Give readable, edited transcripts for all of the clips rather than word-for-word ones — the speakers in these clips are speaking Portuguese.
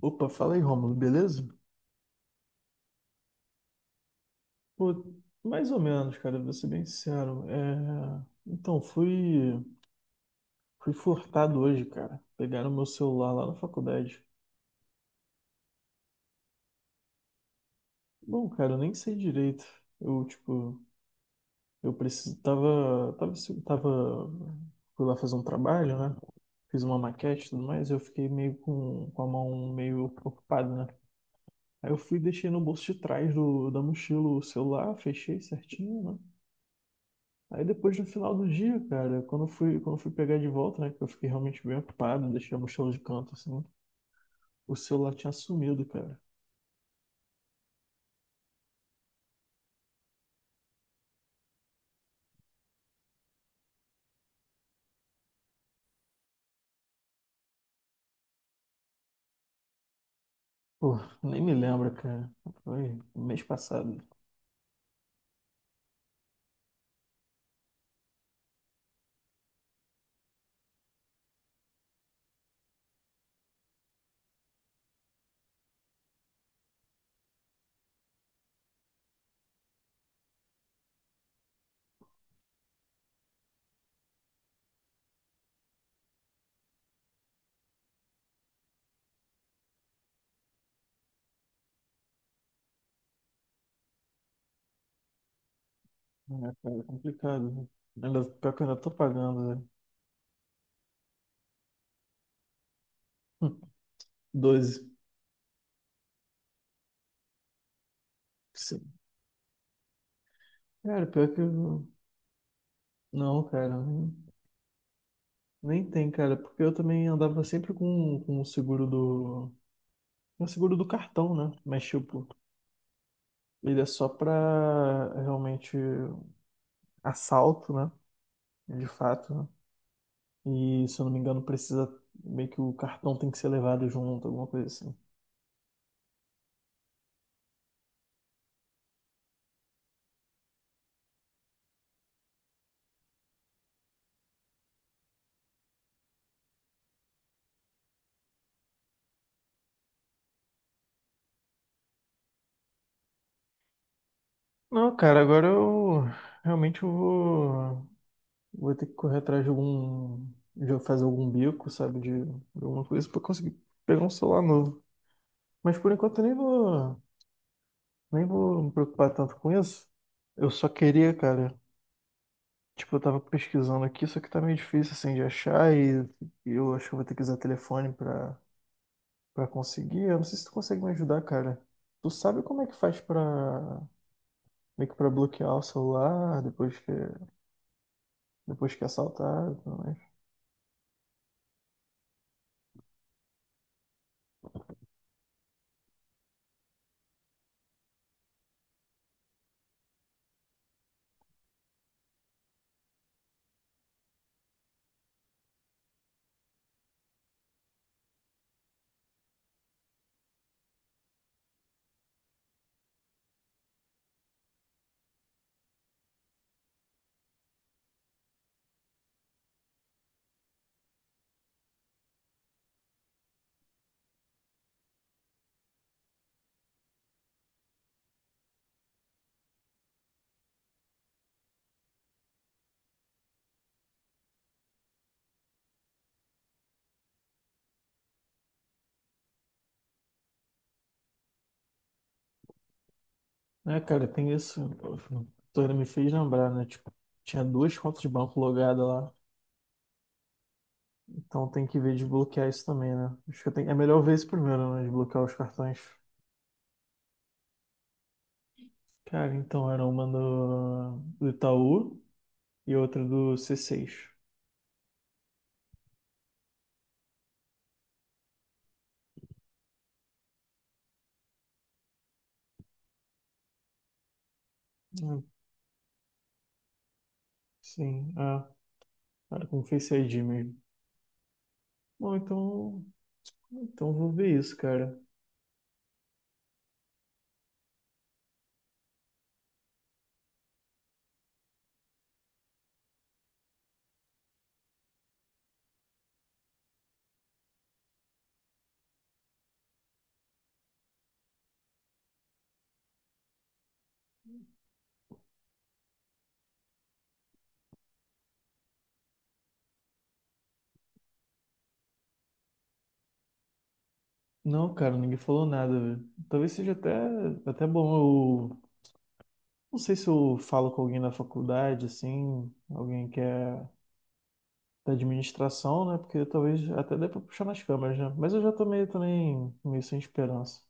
Opa, fala aí, Rômulo, beleza? Pô, mais ou menos, cara, vou ser bem sincero. Então, fui furtado hoje, cara. Pegaram meu celular lá na faculdade. Bom, cara, eu nem sei direito. Eu, tipo, eu Tava... Fui lá fazer um trabalho, né? Fiz uma maquete e tudo mais, eu fiquei meio com a mão meio ocupada, né? Aí eu fui e deixei no bolso de trás da mochila o celular, fechei certinho, né? Aí depois, no final do dia, cara, quando eu fui pegar de volta, né, que eu fiquei realmente bem ocupado, deixei a mochila de canto, assim, o celular tinha sumido, cara. Pô, nem me lembro, cara. Foi mês passado. É, cara, é complicado, né? Ainda, pior que eu ainda tô pagando, né? 12. Sim. Cara, pior que Não, cara, nem tem, cara, porque eu também andava sempre com o seguro com o seguro do cartão, né? Mas, tipo, ele é só pra realmente assalto, né? De fato, né? E se eu não me engano, precisa meio que o cartão tem que ser levado junto, alguma coisa assim. Não, cara, agora eu realmente vou ter que correr atrás de algum, de fazer algum bico, sabe, de alguma coisa pra conseguir pegar um celular novo. Mas por enquanto eu nem vou, nem vou me preocupar tanto com isso. Eu só queria, cara, tipo, eu tava pesquisando aqui, só que tá meio difícil assim de achar e eu acho que eu vou ter que usar telefone pra conseguir. Eu não sei se tu consegue me ajudar, cara. Tu sabe como é que faz pra, meio que pra bloquear o celular depois que é assaltado, e tudo mais? É, cara, tem isso. Tu ainda me fez lembrar, né? Tipo, tinha duas contas de banco logadas lá. Então tem que ver de bloquear isso também, né? Acho que eu é melhor ver isso primeiro, né? De bloquear os cartões. Cara, então era uma do Itaú e outra do C6. Hum. Sim, ah, era com Face ID mesmo. Bom, então Então vou ver isso, cara. Não, cara, ninguém falou nada, velho. Talvez seja até bom eu. Não sei se eu falo com alguém da faculdade, assim, alguém que é da administração, né? Porque talvez até dê pra puxar nas câmeras, né? Mas eu já tô meio também meio sem esperança.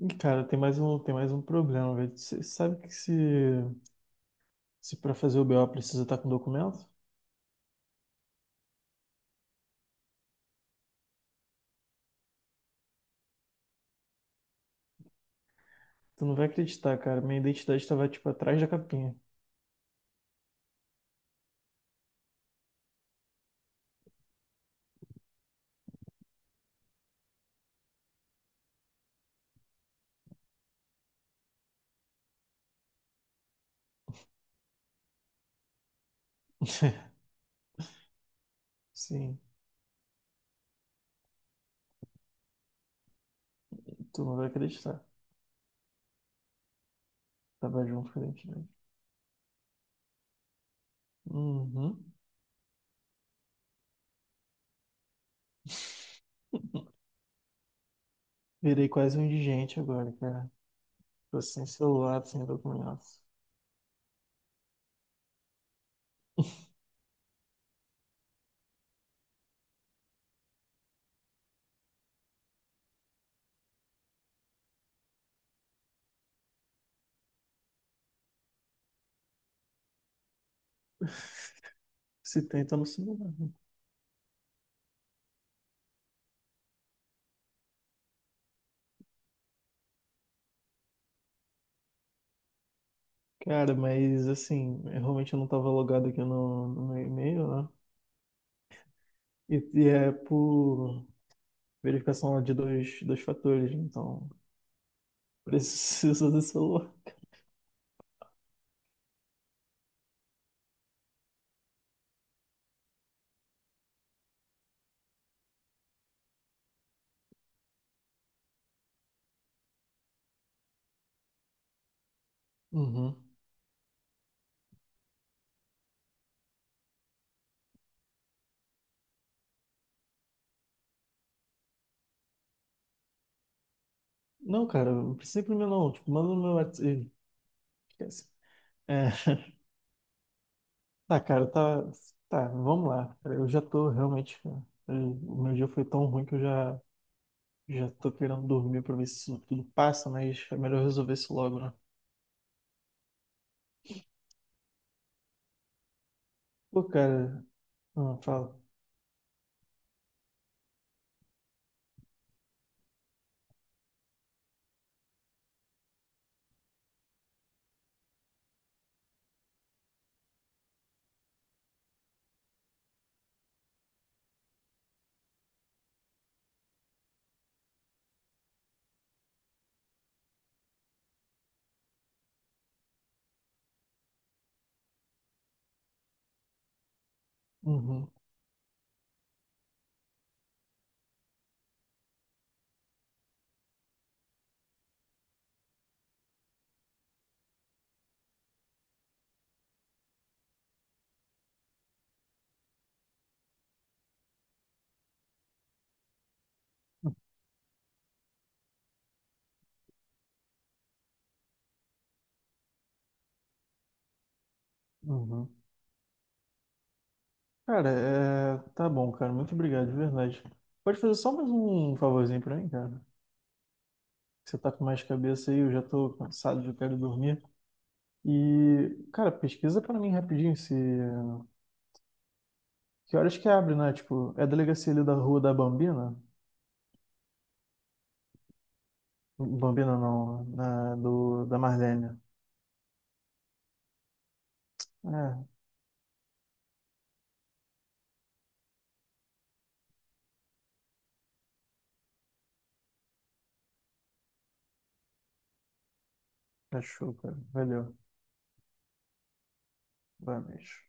E, cara, tem mais um problema, velho. Você sabe que se pra fazer o BO precisa estar com documento? Tu não vai acreditar, cara. Minha identidade tava, tipo, atrás da capinha. Sim, tu não vai acreditar. Tava junto com a identidade. Uhum. Virei quase um indigente agora, cara. Tô sem celular, sem documentos. Se tenta no celular. Cara, mas assim, eu realmente eu não tava logado aqui no meu e-mail, né? E é por verificação de dois fatores, então preciso do celular. Uhum. Não, cara, não precisa imprimir não. Tipo, manda no meu WhatsApp. Ih, esquece. É, tá, cara, tá. Tá, vamos lá. Cara, eu já tô realmente, cara, o meu dia foi tão ruim que eu já, já tô querendo dormir pra ver se isso tudo passa, mas é melhor resolver isso logo, né? Pô, cara, ah, fala. Uhum, uhum. Cara, é... tá bom, cara. Muito obrigado, de verdade. Pode fazer só mais um favorzinho pra mim, cara? Você tá com mais cabeça aí, eu já tô cansado, já quero dormir. E, cara, pesquisa pra mim rapidinho se... Que horas que abre, né? Tipo, é a delegacia ali da rua da Bambina? Bambina não, da Marlene. É, achou, cara. Valeu. Vai mesmo.